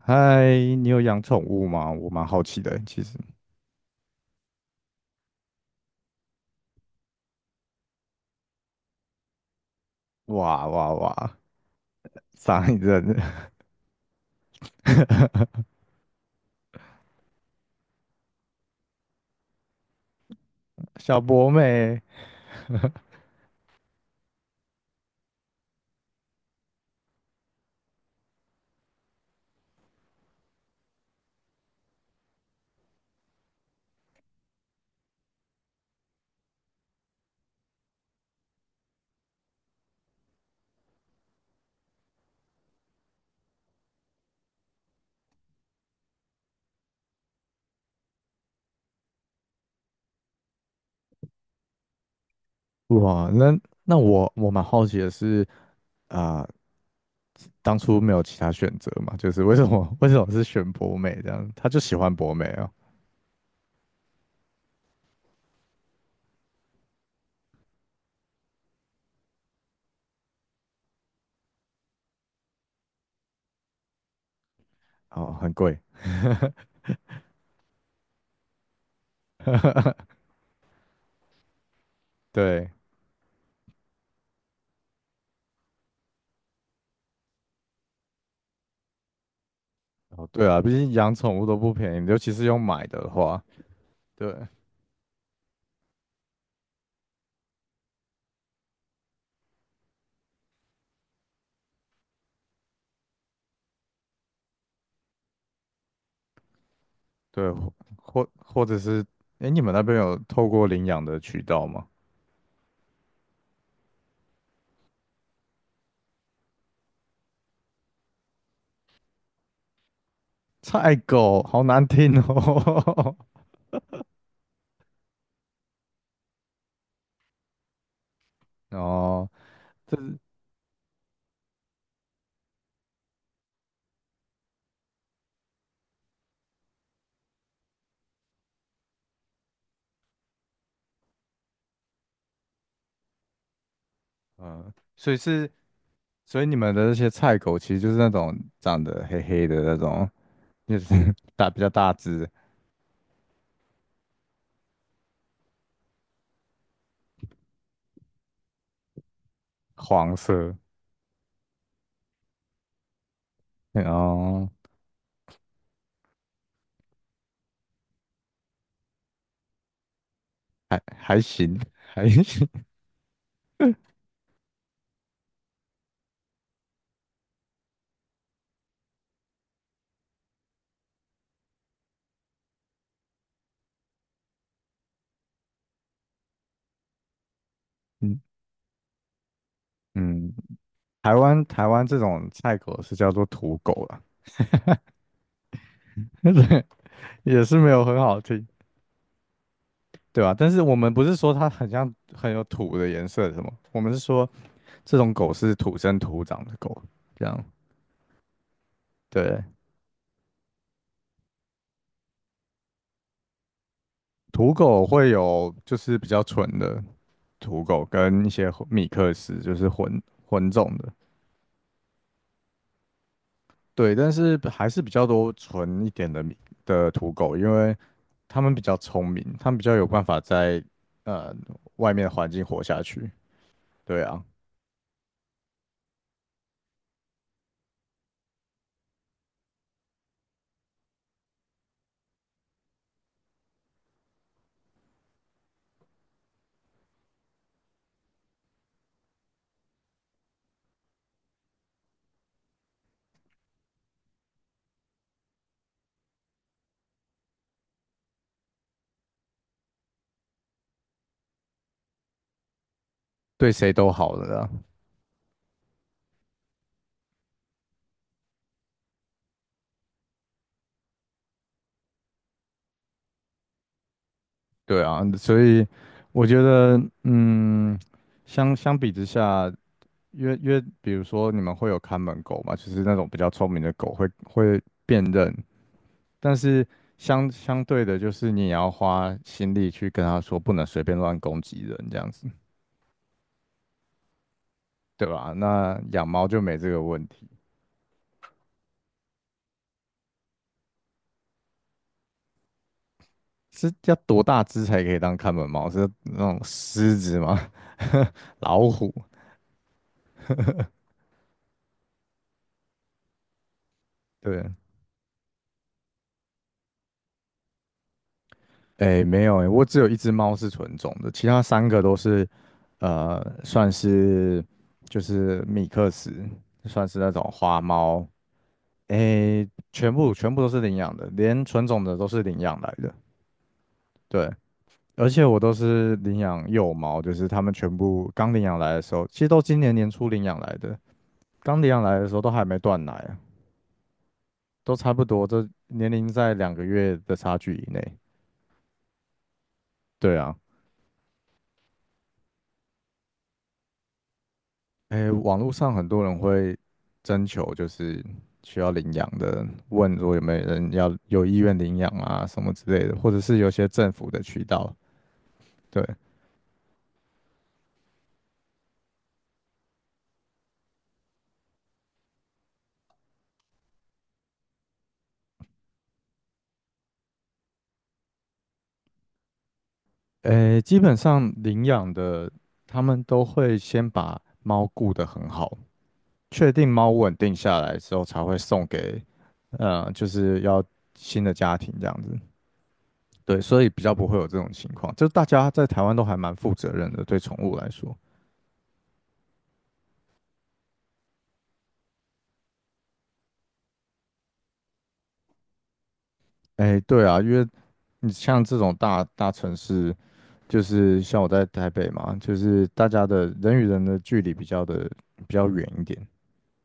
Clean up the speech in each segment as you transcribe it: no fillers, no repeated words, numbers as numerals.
嗨，你有养宠物吗？我蛮好奇的，其实。哇哇哇，上一阵 小博美，哇，那那我蛮好奇的是，啊、当初没有其他选择嘛？就是为什么是选博美这样？他就喜欢博美哦，哦，很贵，对，哦对啊，毕竟养宠物都不便宜，尤其是用买的话，对对，或者是，哎，你们那边有透过领养的渠道吗？菜狗，好难听哦。哦，这是嗯，所以是，所以你们的那些菜狗其实就是那种长得黑黑的那种，就是 大比较大只，黄色，然后还还行，还行，嗯嗯，台湾这种菜狗是叫做土狗啦，对，也是没有很好听，对吧？但是我们不是说它很像很有土的颜色什么，我们是说这种狗是土生土长的狗，这样。对，土狗会有就是比较纯的土狗，跟一些混米克斯，就是混种的。对，但是还是比较多纯一点的米的土狗，因为他们比较聪明，他们比较有办法在呃外面的环境活下去。对啊，对谁都好的啦。对啊，所以我觉得，嗯，相相比之下，因为比如说你们会有看门狗嘛，就是那种比较聪明的狗会辨认。但是相相对的，就是你也要花心力去跟他说，不能随便乱攻击人，这样子，对吧？那养猫就没这个问题，是要多大只才可以当看门猫？是那种狮子吗？老虎？对，哎，没有哎，我只有一只猫是纯种的，其他三个都是，呃，算是就是米克斯，算是那种花猫，哎，全部都是领养的，连纯种的都是领养来的。对，而且我都是领养幼猫，就是他们全部刚领养来的时候，其实都今年年初领养来的，刚领养来的时候都还没断奶啊都差不多，这年龄在两个月的差距以内。对啊，诶，网络上很多人会征求，就是需要领养的，问说有没有人要有意愿领养啊什么之类的，或者是有些政府的渠道，对，诶，基本上领养的他们都会先把猫顾得很好。确定猫稳定下来之后，才会送给，呃，就是要新的家庭这样子。对，所以比较不会有这种情况。就大家在台湾都还蛮负责任的，对宠物来说。哎，对啊，因为你像这种大大城市，就是像我在台北嘛，就是大家的人与人的距离比较的比较远一点，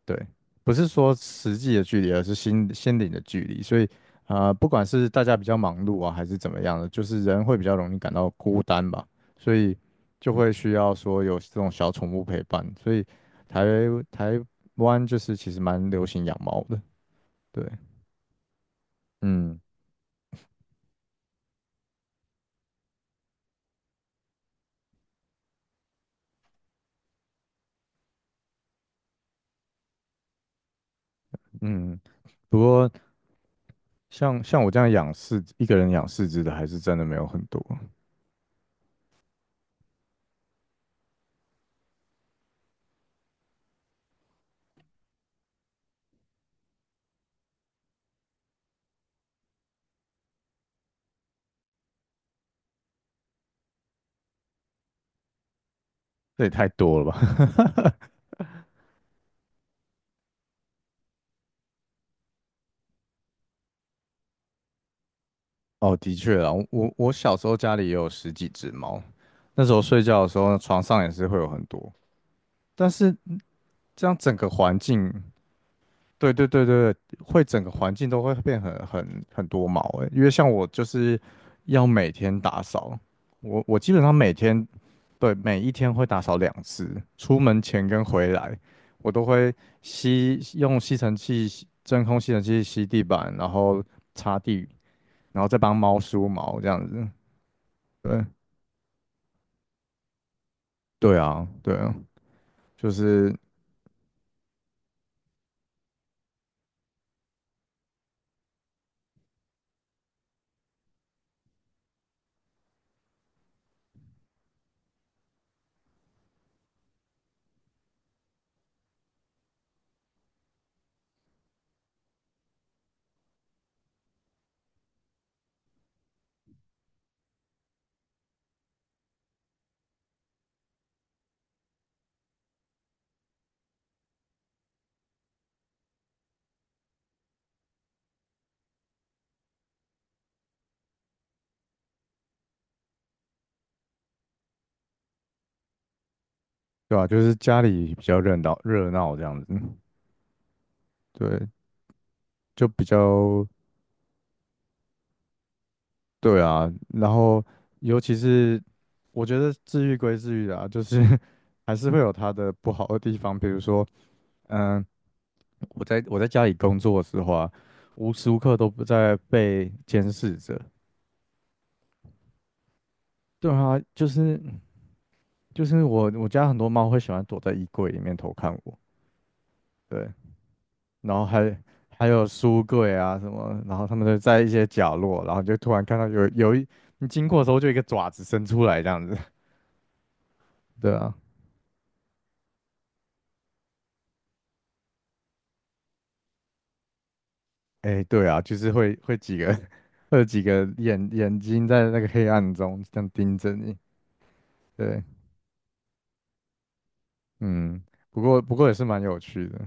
对，不是说实际的距离，而是心心灵的距离。所以，不管是大家比较忙碌啊，还是怎么样的，就是人会比较容易感到孤单吧，所以就会需要说有这种小宠物陪伴。所以台台湾其实蛮流行养猫的，对，嗯嗯。不过像像我这样养四一个人养四只的，还是真的没有很多，这也太多了吧？哦，的确啊，我我小时候家里也有十几只猫，那时候睡觉的时候床上也是会有很多，但是这样整个环境，对对对对，会整个环境都会变很很多毛诶，因为像我就是要每天打扫，我我基本上每天对每一天会打扫两次，出门前跟回来，我都会吸用吸尘器吸真空吸尘器吸地板，然后擦地，然后再帮猫梳毛这样子，对。对啊，对啊，就是对啊，就是家里比较热闹这样子，对，就比较对啊。然后尤其是我觉得治愈归治愈啊，就是 还是会有它的不好的地方，比如说，嗯，我在家里工作的时候啊，无时无刻都不在被监视着。对啊，就是就是我家很多猫会喜欢躲在衣柜里面偷看我，对，然后还还有书柜啊什么，然后他们就在一些角落，然后你就突然看到有有一你经过的时候，就一个爪子伸出来这样子，对啊，哎，对啊，就是会几个 会有几个眼睛在那个黑暗中这样盯着你，对，嗯，不过也是蛮有趣的，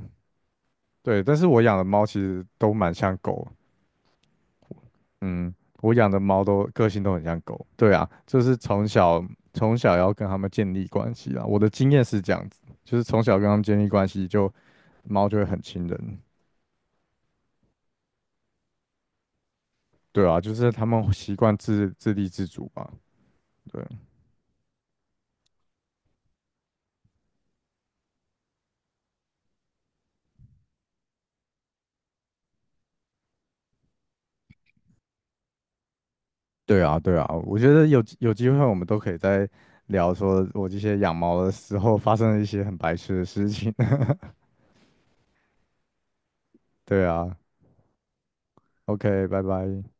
对，但是我养的猫其实都蛮像狗，嗯，我养的猫都个性都很像狗，对啊，就是从小要跟它们建立关系啊。我的经验是这样子，就是从小跟它们建立关系就，猫就会很亲人，对啊，就是它们习惯自立自主嘛，对，对啊，对啊。我觉得有机会我们都可以再聊说我这些养猫的时候发生的一些很白痴的事情，对啊，OK，拜拜。